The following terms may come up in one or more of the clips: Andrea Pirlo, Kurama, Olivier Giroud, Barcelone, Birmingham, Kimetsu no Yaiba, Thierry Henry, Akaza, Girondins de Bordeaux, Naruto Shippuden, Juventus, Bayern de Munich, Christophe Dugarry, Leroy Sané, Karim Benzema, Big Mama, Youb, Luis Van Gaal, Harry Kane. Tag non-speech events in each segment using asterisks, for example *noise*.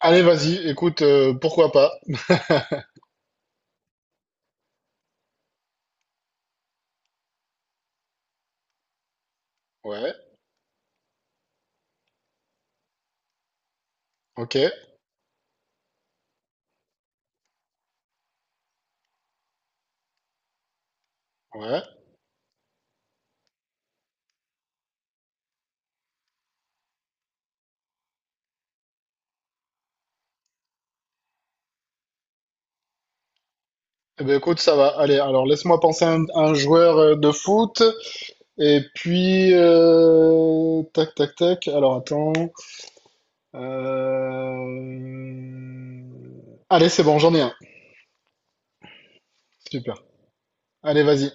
Allez, vas-y, écoute, pourquoi pas? Ouais, ok, ouais. Eh ben, écoute, ça va. Allez, alors laisse-moi penser à un joueur de foot. Et puis, tac, tac, tac. Alors, attends. Euh, Allez, c'est bon, j'en ai un. Super. Allez, vas-y.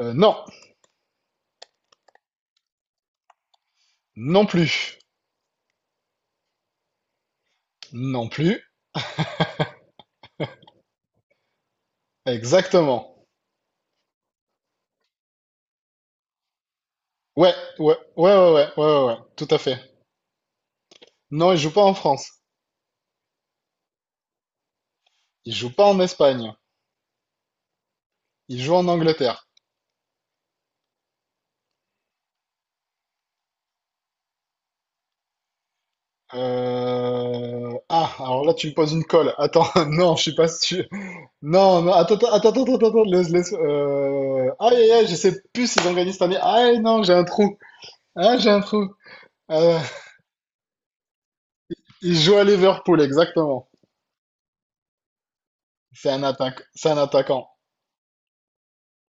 Non, non plus. Non plus. Exactement. Ouais, ouais, ouais, ouais, ouais, ouais, ouais, ouais, tout à fait. Non, il joue pas en France. Il joue pas en Espagne. Il joue en Angleterre. Ah, alors là, tu me poses une colle. Attends, *laughs* non, je suis pas sûr. Non, non, attends, attends, attends, attends, attends, laisse, laisse. Aïe, aïe, aïe, je sais plus s'ils ont gagné cette année. Aïe, non, j'ai un trou. Ah, j'ai un trou. Euh, il joue à Liverpool, exactement. C'est un attaquant.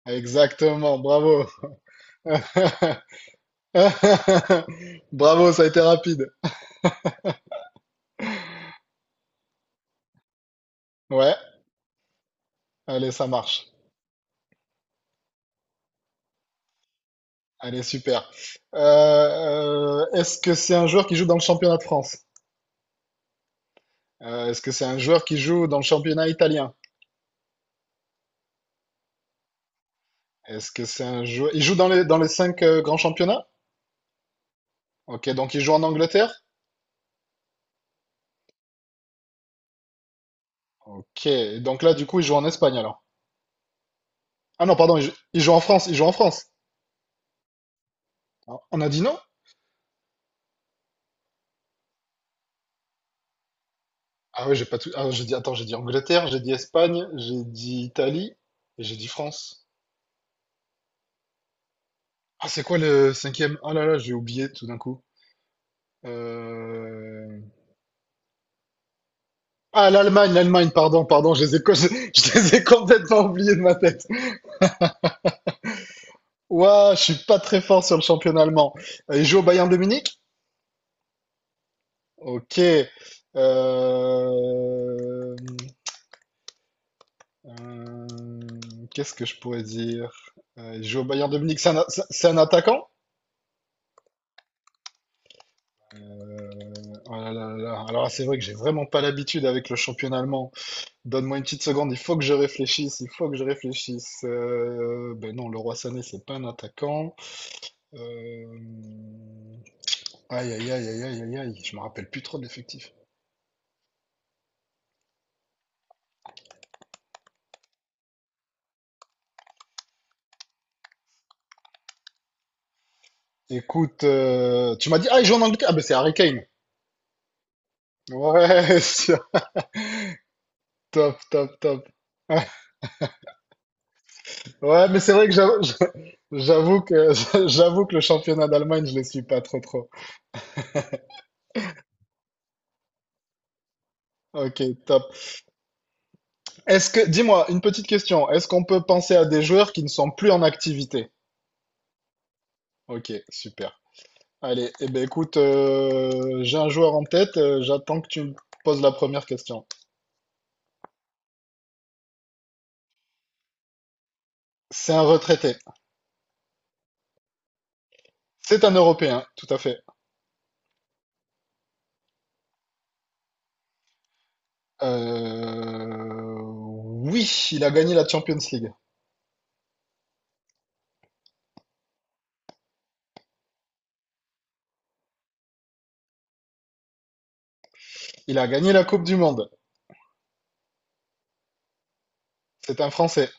Exactement, bravo. *laughs* Bravo, ça a été rapide. Ouais, allez, ça marche. Allez, super. Euh, est-ce que c'est un joueur qui joue dans le championnat de France? Est-ce que c'est un joueur qui joue dans le championnat italien? Est-ce que c'est un joueur... Il joue dans les cinq grands championnats? Ok, donc il joue en Angleterre? Ok, donc là, du coup, il joue en Espagne alors. Ah non, pardon, il joue en France, il joue en France. Ah, on a dit non? Ah ouais, j'ai pas tout... Ah, j'ai dit... Attends, j'ai dit Angleterre, j'ai dit Espagne, j'ai dit Italie, et j'ai dit France. Ah, c'est quoi le cinquième? Oh là là, j'ai oublié tout d'un coup. Euh... Ah, l'Allemagne, l'Allemagne, pardon, pardon, je les ai, *laughs* je les ai complètement oubliés de ma tête. Ouah, je suis pas très fort sur le championnat allemand. Il joue au Bayern de Munich? Ok. Euh, qu'est-ce que je pourrais dire? Il joue au Bayern de Munich, c'est un attaquant? Euh, oh là là là là. Alors là, c'est vrai que j'ai vraiment pas l'habitude avec le championnat allemand. Donne-moi une petite seconde, il faut que je réfléchisse, il faut que je réfléchisse. Ben non, le Leroy Sané, c'est pas un attaquant. Euh, Aïe, aïe, aïe, aïe, aïe, aïe, aïe, je me rappelle plus trop de l'effectif. Écoute, tu m'as dit, ah, il joue en Angleterre. Ah, ben c'est Harry Kane. Ouais, *laughs* sûr. Top, top, top. *laughs* Ouais, mais c'est vrai que j'avoue que *laughs* j'avoue que le championnat d'Allemagne, je ne le suis pas trop trop. Ok, top. Est-ce que, dis-moi, une petite question. Est-ce qu'on peut penser à des joueurs qui ne sont plus en activité? Ok, super. Allez, eh ben écoute, j'ai un joueur en tête. J'attends que tu me poses la première question. C'est un retraité. C'est un Européen, tout à fait. Oui, il a gagné la Champions League. Il a gagné la Coupe du Monde. C'est un Français.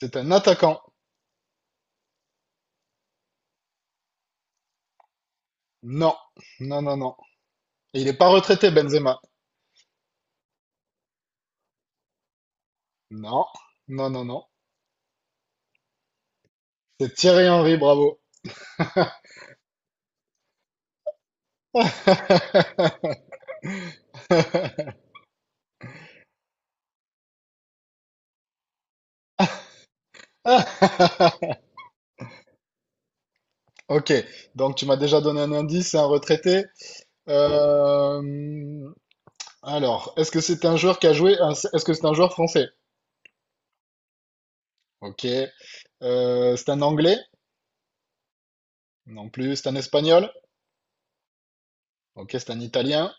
C'est un attaquant. Non, non, non, non. Et il n'est pas retraité, Benzema. Non, non, non, non. C'est Thierry Henry, bravo. *laughs* Ok, donc tu m'as déjà donné un indice, c'est un retraité. Euh, Alors, est-ce que c'est un joueur français? Ok. C'est un anglais? Non plus. C'est un espagnol? Ok, c'est un italien.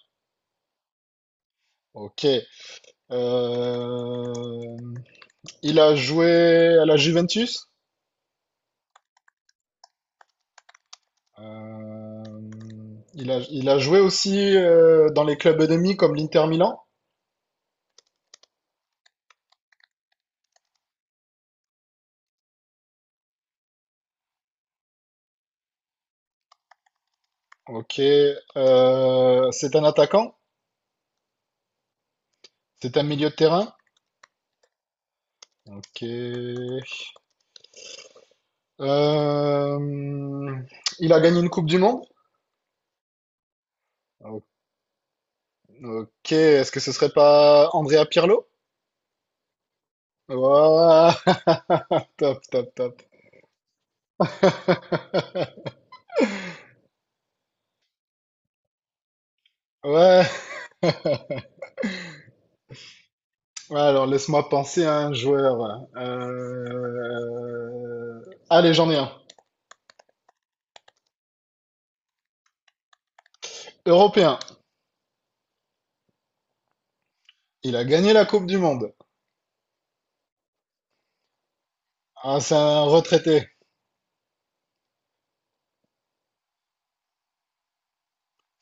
Ok. Euh, il a joué à la Juventus. Euh, il a joué aussi dans les clubs ennemis comme l'Inter Milan. Ok. C'est un attaquant. C'est un milieu de terrain. Ok. Euh, il a gagné une Coupe du Monde. O- Ok. Est-ce que ce serait pas Andrea Pirlo? Ouah, *laughs* top, top, top. Ouais. Ouais, alors, laisse-moi penser à un joueur. Voilà. Allez, j'en ai un. Européen. Il a gagné la Coupe du Monde. Ah, c'est un retraité.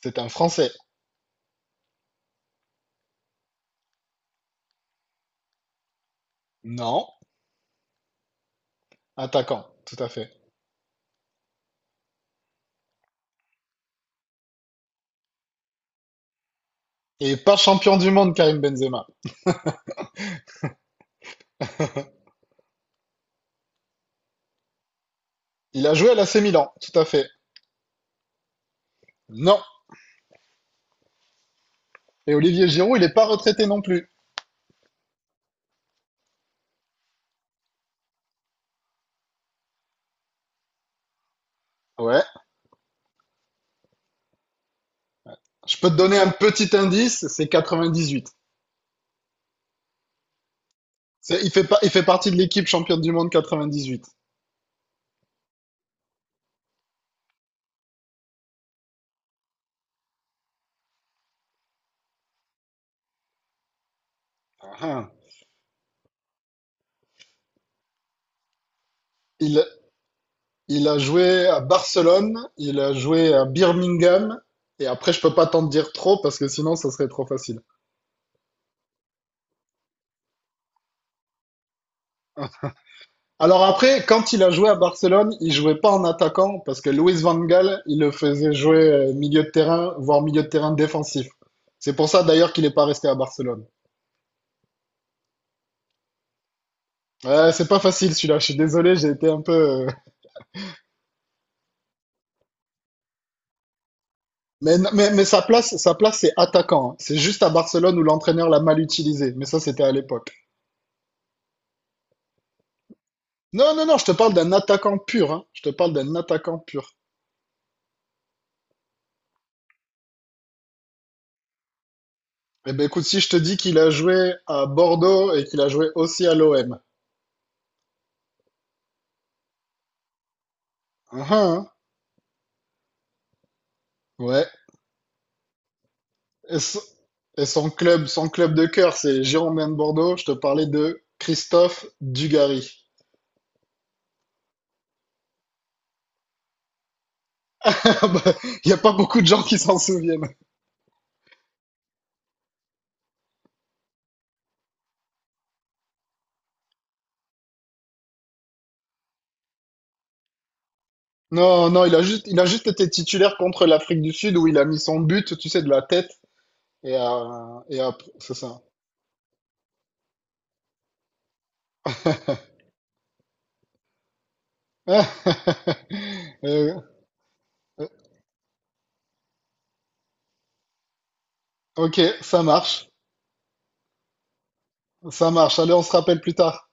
C'est un Français. Non. Attaquant. Tout à fait. Et pas champion du monde, Karim Benzema. Il a joué à l'AC Milan. Tout à fait. Non. Et Olivier Giroud, il n'est pas retraité non plus. Ouais. Je peux te donner un petit indice. C'est 98. C'est- Il fait, pas- il fait partie de l'équipe championne du monde 98. Ah, ah. Il, il a joué à Barcelone, il a joué à Birmingham, et après, je peux pas t'en dire trop parce que sinon, ça serait trop facile. *laughs* Alors après, quand il a joué à Barcelone, il jouait pas en attaquant parce que Luis Van Gaal, il le faisait jouer milieu de terrain, voire milieu de terrain défensif. C'est pour ça d'ailleurs qu'il n'est pas resté à Barcelone. Ouais, c'est pas facile celui-là, je suis désolé, j'ai été un peu. *laughs* Mais sa place c'est attaquant, hein. C'est juste à Barcelone où l'entraîneur l'a mal utilisé. Mais ça, c'était à l'époque. Non, non, non, je te parle d'un attaquant pur, hein. Je te parle d'un attaquant pur. Eh ben écoute, si je te dis qu'il a joué à Bordeaux et qu'il a joué aussi à l'OM. Ah, ah, hein. Ouais. Et, so- et son club de cœur, c'est Girondins de Bordeaux. Je te parlais de Christophe Dugarry. *laughs* Il n'y a pas beaucoup de gens qui s'en souviennent. Non, non, il a juste été titulaire contre l'Afrique du Sud où il a mis son but, tu sais, de la tête. C'est ça. *laughs* Euh, euh, ok, ça marche. Ça marche. Allez, on se rappelle plus tard.